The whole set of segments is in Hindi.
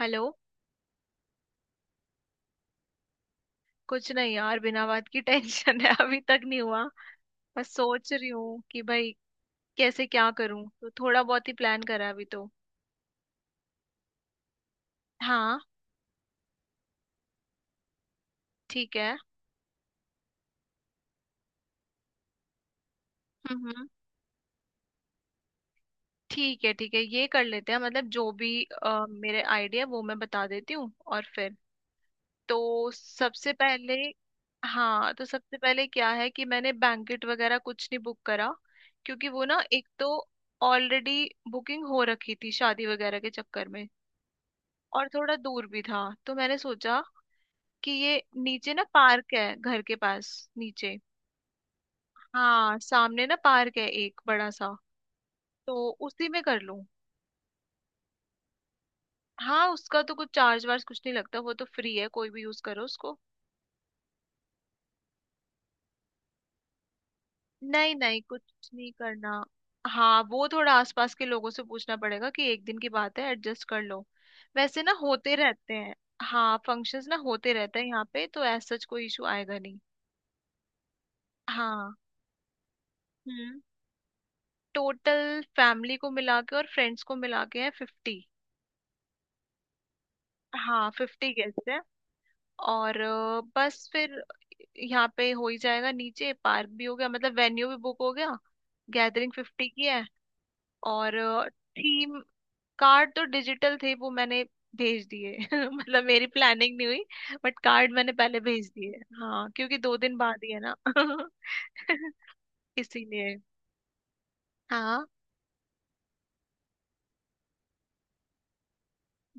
हेलो। कुछ नहीं यार, बिना बात की टेंशन है। अभी तक नहीं हुआ। बस सोच रही हूँ कि भाई कैसे क्या करूँ। तो थोड़ा बहुत ही प्लान करा है अभी तो। हाँ। ठीक है। हम्म, हम्म। ठीक है, ठीक है, ये कर लेते हैं। मतलब जो भी मेरे आइडिया वो मैं बता देती हूँ और फिर तो सबसे पहले। हाँ, तो सबसे पहले क्या है कि मैंने बैंकेट वगैरह कुछ नहीं बुक करा। क्योंकि वो ना एक तो ऑलरेडी बुकिंग हो रखी थी शादी वगैरह के चक्कर में। और थोड़ा दूर भी था तो मैंने सोचा कि ये नीचे ना पार्क है घर के पास। नीचे। हाँ, सामने ना पार्क है एक बड़ा सा। तो उसी में कर लूं। हाँ, उसका तो कुछ चार्ज वार्ज कुछ नहीं लगता। वो तो फ्री है, कोई भी यूज करो उसको। नहीं नहीं, कुछ नहीं करना। हाँ, वो थोड़ा आसपास के लोगों से पूछना पड़ेगा कि एक दिन की बात है, एडजस्ट कर लो। वैसे ना होते रहते हैं। हाँ, फंक्शंस ना होते रहते हैं यहाँ पे, तो ऐसा कोई इशू आएगा नहीं। हाँ। हम्म टोटल फैमिली को मिला के और फ्रेंड्स को मिला के है 50। हाँ, 50 गेस्ट है। और बस फिर यहाँ पे हो ही जाएगा। नीचे पार्क भी हो गया मतलब वेन्यू भी बुक हो गया। गैदरिंग 50 की है। और थीम। कार्ड तो डिजिटल थे, वो मैंने भेज दिए। मतलब मेरी प्लानिंग नहीं हुई। बट कार्ड मैंने पहले भेज दिए, हाँ, क्योंकि 2 दिन बाद ही है ना। इसीलिए। हाँ।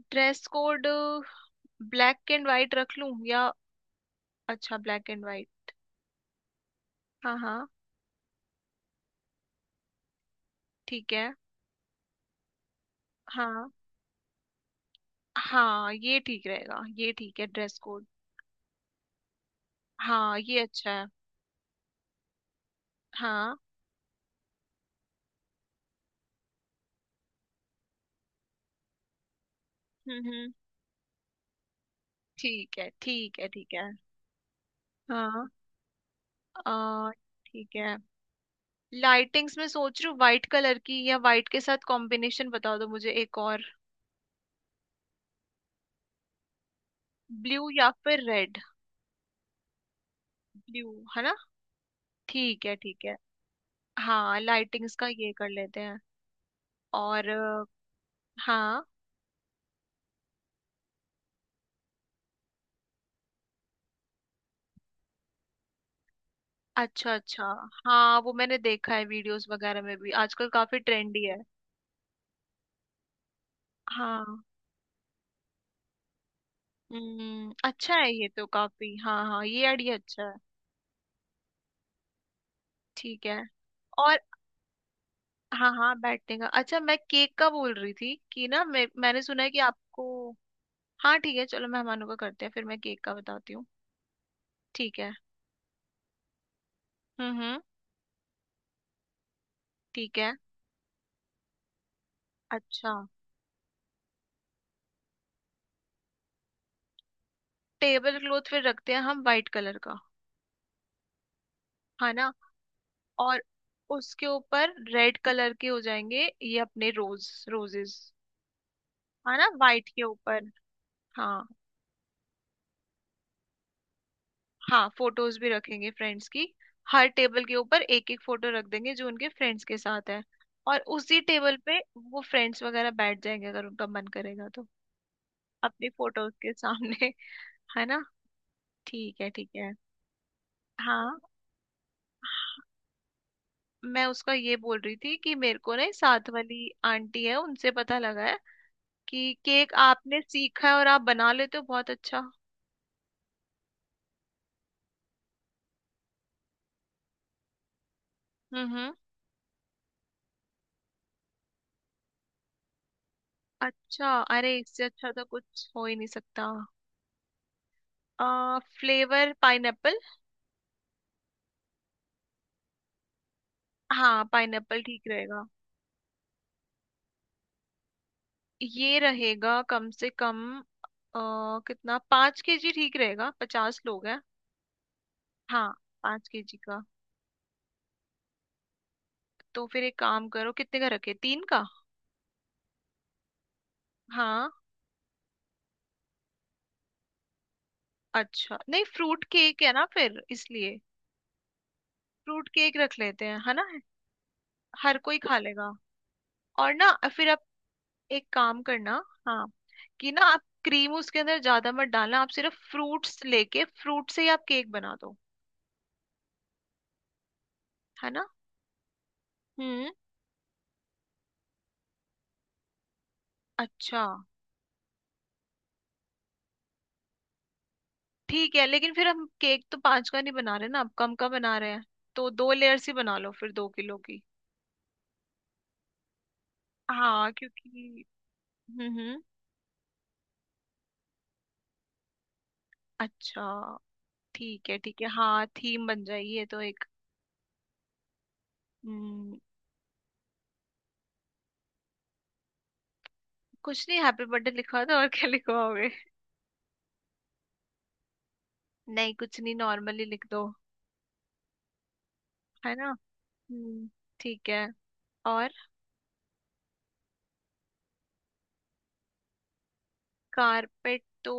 Dress code black and white रख लूं या। अच्छा ब्लैक एंड वाइट। हाँ, हाँ। ठीक है। हाँ, हाँ, ये ठीक रहेगा, ये ठीक है ड्रेस कोड। हाँ, ये अच्छा है। हाँ। हम्म, हम्म। ठीक है, ठीक है, ठीक है। हाँ। आ, ठीक है। लाइटिंग्स में सोच रही हूँ व्हाइट कलर की, या व्हाइट के साथ कॉम्बिनेशन बता दो मुझे एक और। ब्लू या फिर रेड। ब्लू है ना। ठीक है, ठीक है। हाँ, लाइटिंग्स का ये कर लेते हैं। और हाँ। अच्छा, अच्छा। हाँ, वो मैंने देखा है, वीडियोस वगैरह में भी आजकल काफी ट्रेंडी है। हाँ। अच्छा है ये तो काफी, हाँ, हाँ, ये आइडिया अच्छा है। ठीक है। और हाँ, हाँ बैठने का। अच्छा, मैं केक का बोल रही थी कि ना मैंने सुना है कि आपको। हाँ ठीक है, चलो मेहमानों का करते हैं, फिर मैं केक का बताती हूँ। ठीक है। हम्म, हम्म। ठीक है। अच्छा। टेबल क्लॉथ फिर रखते हैं हम वाइट कलर का, है ना। और उसके ऊपर रेड कलर के हो जाएंगे ये अपने रोज रोजेस। है ना, वाइट के ऊपर। हाँ। हाँ, फोटोज भी रखेंगे फ्रेंड्स की। हर टेबल के ऊपर एक एक फोटो रख देंगे जो उनके फ्रेंड्स के साथ है। और उसी टेबल पे वो फ्रेंड्स वगैरह बैठ जाएंगे अगर उनका मन करेगा तो। अपनी फोटोज के सामने। है ना। ठीक है, ठीक है। हाँ। मैं उसका ये बोल रही थी कि मेरे को ना साथ वाली आंटी है उनसे पता लगा है कि केक आपने सीखा है और आप बना लेते हो बहुत अच्छा। हम्म, हम्म। अच्छा। अरे, इससे अच्छा तो कुछ हो ही नहीं सकता। Flavour pineapple. हाँ, पाइनएप्पल ठीक रहेगा। ये रहेगा कम से कम। अ, कितना, 5 केजी ठीक रहेगा, 50 लोग हैं। हाँ। 5 केजी का। तो फिर एक काम करो, कितने का रखे, तीन का। हाँ। अच्छा नहीं, फ्रूट केक है ना फिर इसलिए। फ्रूट केक रख लेते हैं, है ना। हर कोई खा लेगा। और ना, फिर आप एक काम करना। हाँ। कि ना आप क्रीम उसके अंदर ज्यादा मत डालना, आप सिर्फ फ्रूट्स लेके फ्रूट से ही आप केक बना दो। है ना। हम्म। अच्छा। ठीक है, लेकिन फिर हम केक तो पांच का नहीं बना रहे ना, अब कम का बना रहे हैं। तो 2 लेयर्स ही बना लो फिर, 2 किलो की। हाँ, क्योंकि हम्म, हम्म। अच्छा। ठीक है, ठीक है, हाँ थीम बन जाएगी ये तो एक। हम्म। कुछ नहीं, हैप्पी बर्थडे लिखवा दो, और क्या लिखवाओगे। नहीं, कुछ नहीं, नॉर्मली लिख दो। है ना। हम्म। ठीक है। और कारपेट तो,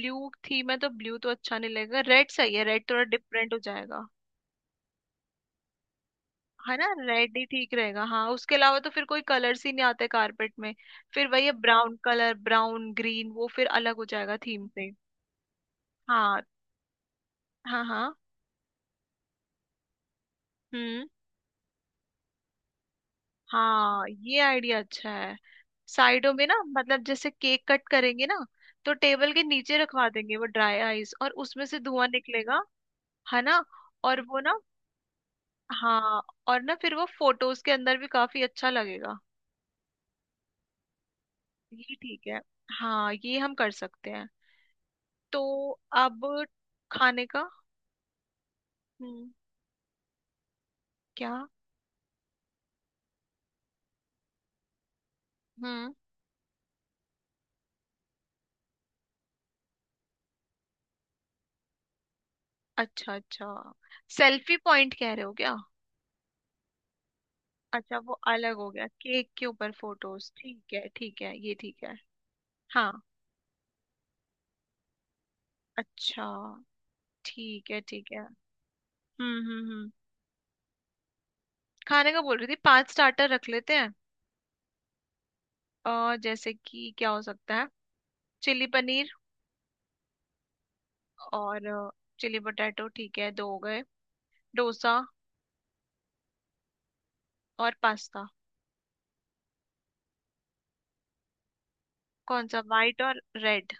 ब्लू थीम है तो ब्लू तो अच्छा नहीं लगेगा, रेड सही है, रेड थोड़ा डिफरेंट हो जाएगा। है ना, रेड ही ठीक रहेगा, हाँ, उसके अलावा तो फिर कोई कलर्स ही नहीं आते कारपेट में। फिर वही है, ब्राउन कलर, ब्राउन ग्रीन, वो फिर अलग हो जाएगा थीम से। हाँ। हाँ, हाँ। हम्म। हाँ, ये आइडिया अच्छा है। साइडों में ना, मतलब जैसे केक कट करेंगे ना, तो टेबल के नीचे रखवा देंगे वो ड्राई आइस, और उसमें से धुआं निकलेगा। है ना। और वो ना। हाँ। और ना, फिर वो फोटोज के अंदर भी काफी अच्छा लगेगा। ये ठीक है। हाँ, ये हम कर सकते हैं। तो अब खाने का। हम्म। क्या। हम्म। अच्छा, अच्छा। सेल्फी पॉइंट कह रहे हो क्या? अच्छा, वो अलग हो गया, केक के ऊपर फोटोज, ठीक है ठीक है, ये ठीक है। हाँ। अच्छा। ठीक है, ठीक है। हम्म, हम्म, हम्म। खाने का बोल रही थी, 5 स्टार्टर रख लेते हैं। जैसे कि क्या हो सकता है। चिली पनीर। और चिली पोटैटो, ठीक है, दो हो गए। डोसा। और पास्ता। कौन सा, वाइट और रेड।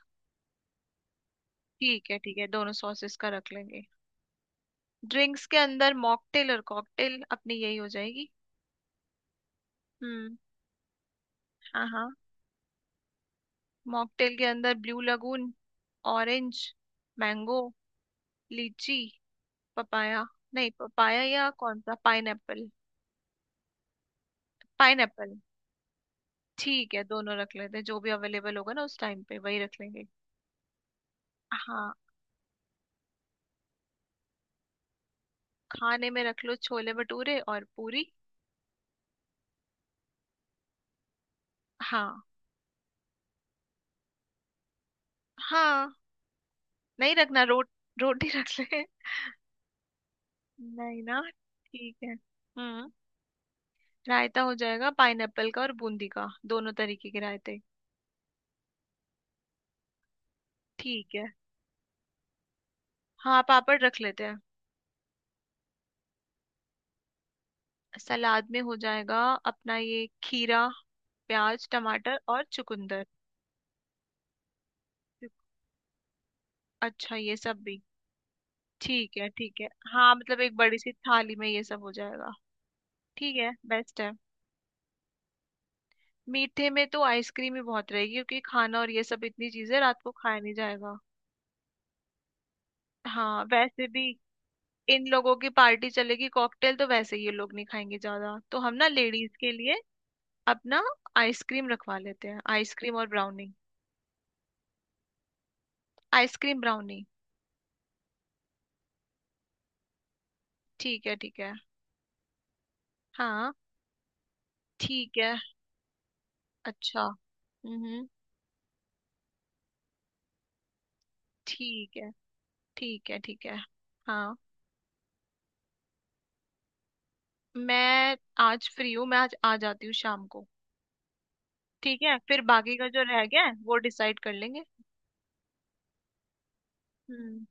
ठीक है, ठीक है, दोनों सॉसेस का रख लेंगे। ड्रिंक्स के अंदर मॉकटेल और कॉकटेल अपनी यही हो जाएगी। हम्म। हाँ, हाँ। मॉकटेल के अंदर blue lagoon. Orange. Mango. Lychee. Papaya. नहीं, पपाया या कौन सा, पाइनएप्पल। पाइनएप्पल। ठीक है, दोनों रख लेते हैं, जो भी अवेलेबल होगा ना उस टाइम पे वही रख लेंगे। हाँ। खाने में रख लो छोले भटूरे और पूरी। हाँ। हाँ। नहीं रखना रोटी रख ले। नहीं ना। ठीक है। हम्म। रायता हो जाएगा पाइनएप्पल का और बूंदी का, दोनों तरीके के रायते। ठीक है। हाँ, पापड़ रख लेते हैं। सलाद में हो जाएगा अपना ये खीरा, प्याज, टमाटर और चुकंदर। अच्छा, ये सब भी। ठीक है, ठीक है। हाँ, मतलब एक बड़ी सी थाली में ये सब हो जाएगा। ठीक है, बेस्ट है। मीठे में तो आइसक्रीम ही बहुत रहेगी क्योंकि खाना और ये सब इतनी चीजें रात को खाया नहीं जाएगा। हाँ, वैसे भी। इन लोगों की पार्टी चलेगी, कॉकटेल तो वैसे ही ये लोग नहीं खाएंगे ज्यादा, तो हम ना लेडीज के लिए अब ना आइसक्रीम रखवा लेते हैं, आइसक्रीम और ब्राउनी। Ice cream brownie. ठीक है, ठीक है। हाँ। ठीक है। अच्छा। हम्म। ठीक है, ठीक है, ठीक है। हाँ। मैं आज फ्री हूँ, मैं आज आ जाती हूँ शाम को। ठीक है, फिर बाकी का जो रह गया है वो डिसाइड कर लेंगे। हम्म,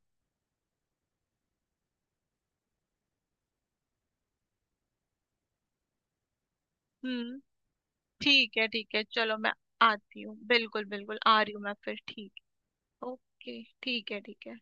हम्म। ठीक है, ठीक है, चलो मैं आती हूँ, बिल्कुल बिल्कुल आ रही हूँ मैं फिर ठीक। ओके, ठीक है, ठीक है।